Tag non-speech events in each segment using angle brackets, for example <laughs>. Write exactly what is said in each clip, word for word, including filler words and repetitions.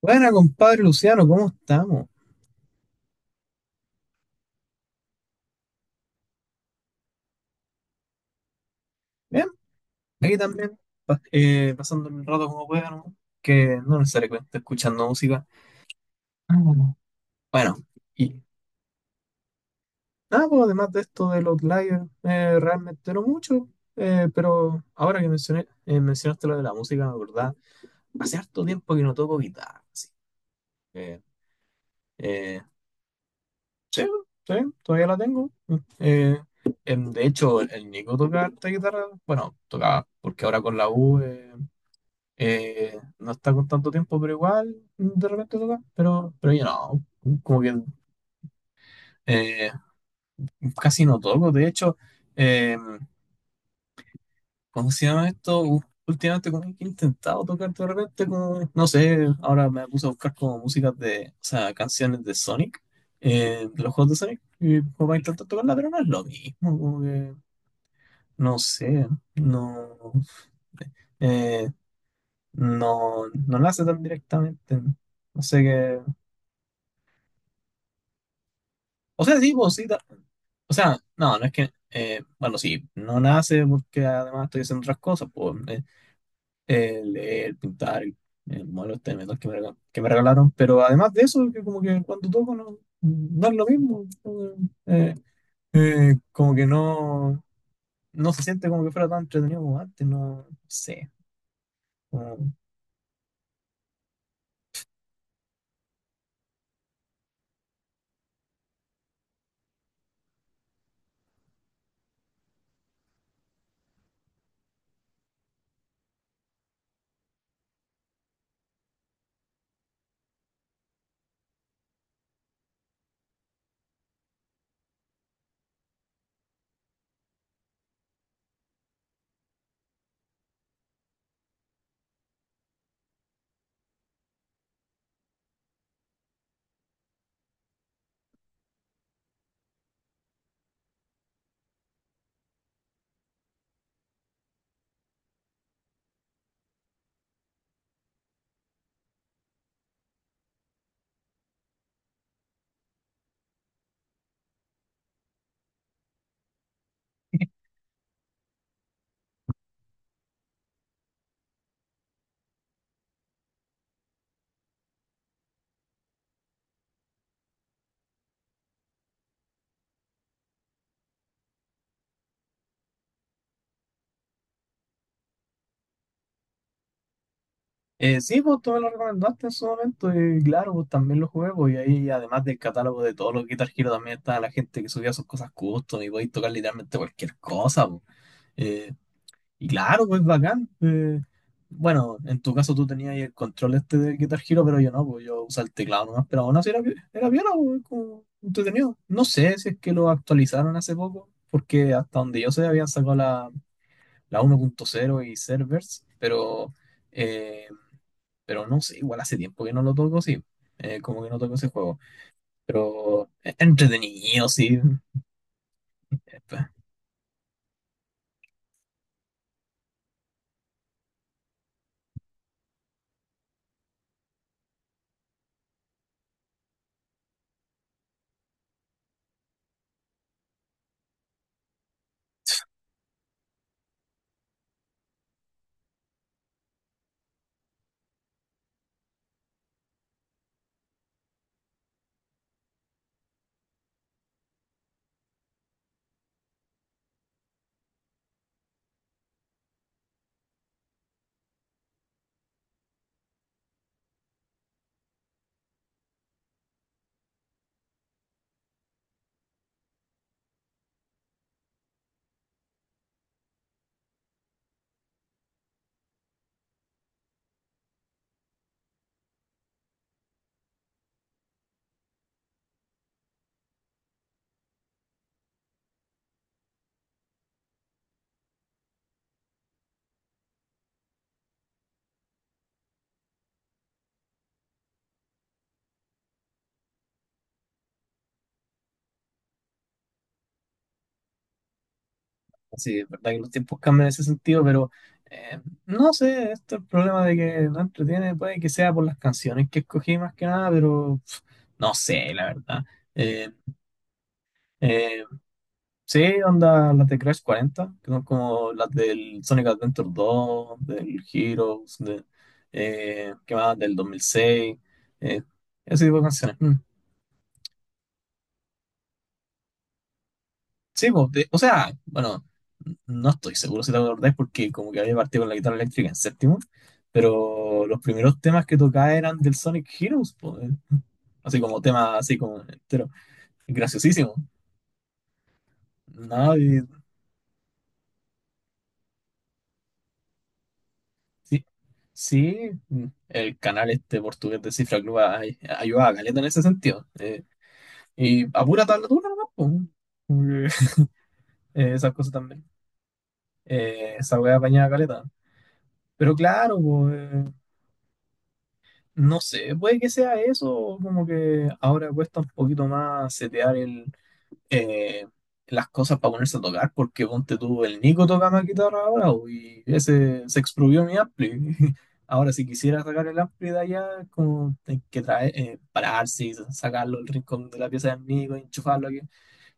Buena, compadre Luciano, ¿cómo estamos? Bien, aquí también, pa- eh, pasando el rato como pueda, ¿no? Que no necesariamente escuchando música. Ah. Bueno, Bueno, y nada, pues, además de esto del Outlier, eh, realmente no mucho, eh, pero ahora que mencioné, eh, mencionaste lo de la música, me acordaba, hace harto tiempo que no toco guitarra, así que, eh, sí, sí, todavía la tengo. Eh, em, de hecho, el Nico toca harta guitarra, bueno, tocaba, porque ahora con la U. Eh, Eh, no está con tanto tiempo, pero igual mm, de repente toca. Pero, pero yo no, como que eh, casi no toco. De hecho, eh, ¿cómo se llama esto? U- Últimamente como que he intentado tocar de repente, como, no sé, ahora me puse a buscar como músicas de, o sea, canciones de Sonic, eh, de los juegos de Sonic, y como para intentar tocarla, pero no es lo mismo, como que, no sé, no, eh, no, no nace tan directamente. No sé qué. O sea, sí, vos sí. ta- O sea, no, no es que. eh, bueno, sí, no nace porque además estoy haciendo otras cosas, pues, eh, eh, leer, pintar, el, el modelo este de metal que me, rega- que me regalaron. Pero además de eso, que como que cuando toco no, no es lo mismo. Como que, eh, eh, como que no, no se siente como que fuera tan entretenido como antes, no, sé. Eh, sí, pues tú me lo recomendaste en su momento y claro, pues también lo jugué, pues y ahí además del catálogo de todos los Guitar Hero también estaba la gente que subía sus cosas custom y podéis tocar literalmente cualquier cosa, pues. Eh, y claro, pues bacán. Eh, bueno, en tu caso tú tenías ahí el control este del Guitar Hero, pero yo no, pues yo usaba el teclado nomás, pero aún así era, vi- era piola, pues, como entretenido. No sé si es que lo actualizaron hace poco, porque hasta donde yo sé habían sacado la, la uno punto cero y servers, pero... eh, pero no sé, igual hace tiempo que no lo toco, sí. Eh, como que no toco ese juego. Pero es entretenido, sí. Espa- Sí, es verdad que los tiempos cambian en ese sentido, pero eh, no sé, esto es el problema de que no entretiene, puede que sea por las canciones que escogí más que nada, pero pf, no sé, la verdad. Eh, eh, sí, onda las de Crash cuarenta que son como las del Sonic Adventure dos del Heroes, de, eh, ¿qué más? Del dos mil seis, eh, ese tipo de canciones. Mm. Sí, po, de- o sea, bueno, n- no estoy seguro si te acordás porque como que había partido con la guitarra eléctrica en séptimo, pero los primeros temas que tocaba eran del Sonic Heroes, po, eh. Así como tema, así como entero, graciosísimo. No, y- sí, sí, mm, el canal este portugués de Cifra Club ay- ayudaba a caleta en ese sentido. Eh, y a pura tablatura nomás, po. Como que, <laughs> eh, esas cosas también. Eh, esa wea apañaba caleta. Pero claro, po, eh, no sé, puede que sea eso, como que ahora cuesta un poquito más setear el, eh, las cosas para ponerse a tocar, porque ponte tú, el Nico toca más guitarra ahora, bo, y ese se expropió mi ampli. <laughs> Ahora, si quisiera sacar el ampli de allá, como hay que traer, eh, pararse y sacarlo del rincón de la pieza del Nico, enchufarlo aquí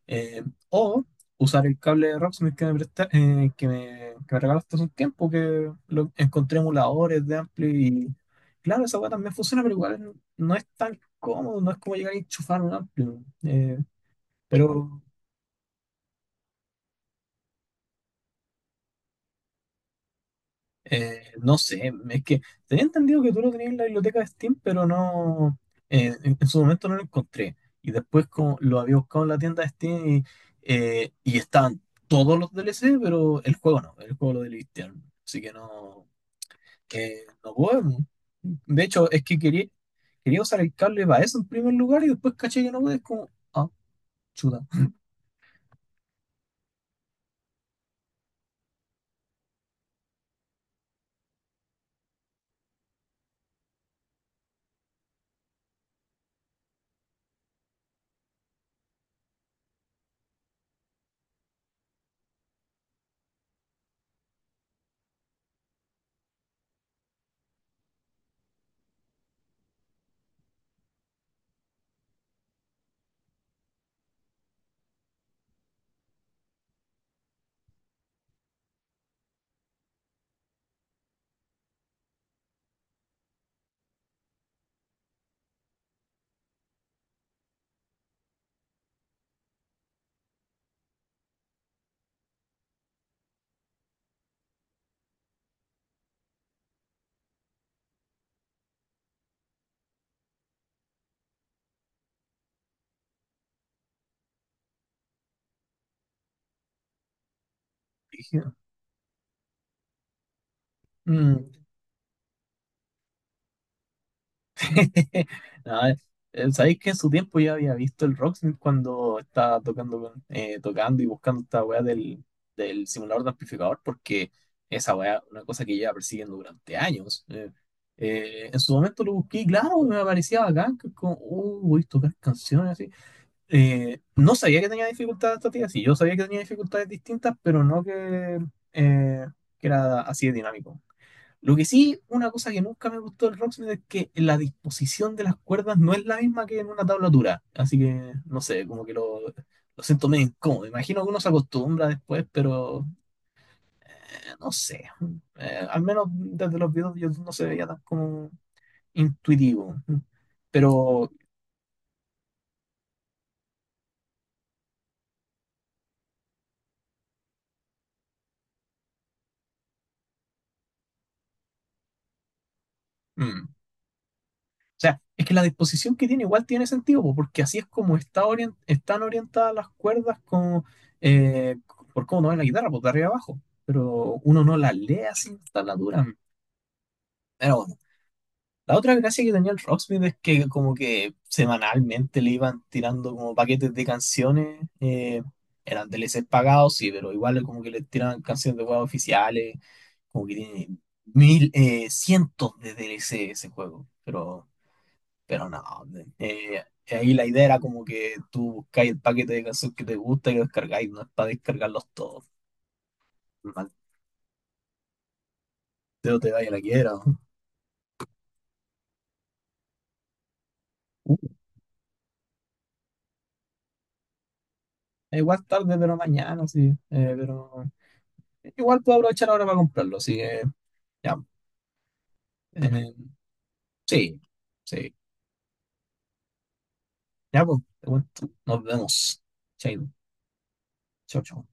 eh, o usar el cable de Rocksmith que me, presta- eh, que me, que me regalaste hace un tiempo, que lo encontré emuladores de Ampli y claro, esa weá también funciona, pero igual no es tan cómodo, no es como llegar a enchufar un Ampli. eh, Sí, pero Eh, no sé, es que tenía entendido que tú lo tenías en la biblioteca de Steam, pero no, eh, en, en su momento no lo encontré. Y después como lo había buscado en la tienda de Steam y, eh, y estaban todos los D L C, pero el juego no, el juego lo deletearon. Así que no, eh, no puedo. De hecho, es que quería, quería usar el cable para eso en primer lugar y después caché que no puedes como, ah, chuta. Dije, "Mm, <laughs> No, eh, sabéis que en su tiempo ya había visto el Rocksmith cuando estaba tocando, con- eh, tocando y buscando esta weá del, del simulador de amplificador, porque esa weá, es una cosa que lleva persiguiendo durante años. Eh. Eh, en su momento lo busqué y claro, me aparecía bacán, que como, uh, voy a tocar canciones así. Eh, no sabía que tenía dificultades esta sí, yo sabía que tenía dificultades distintas, pero no que, eh, que era así de dinámico. Lo que sí, una cosa que nunca me gustó del Rocksmith es que la disposición de las cuerdas no es la misma que en una tablatura. Así que, no sé, como que lo, lo siento medio incómodo. Imagino que uno se acostumbra después, pero eh, no sé. Eh, al menos desde los videos yo no se veía tan como intuitivo. Pero mm, o sea, es que la disposición que tiene igual tiene sentido, po, porque así es como está orien- están orientadas las cuerdas con, eh, por cómo toman la guitarra, por de arriba abajo. Pero uno no la lee así en tablatura. Pero bueno, la otra gracia que tenía el Rocksmith es que como que semanalmente le iban tirando como paquetes de canciones. Eh, eran D L Cs pagados, sí, pero igual como que le tiraban canciones de juegos oficiales, como que tiene mil, eh, cientos de D L C ese juego. Pero pero no, eh, ahí la idea era como que tú buscáis el paquete de canciones que te gusta y lo descargáis, no es para descargarlos todos. Maldito te vaya la quiera. ¿No? Uh, igual tarde, pero mañana, sí. Eh, pero igual puedo aprovechar ahora para comprarlo, así que ya. Eh, sí, sí. Ya, pues, te cuento. Nos vemos. Chao, chao. Chao.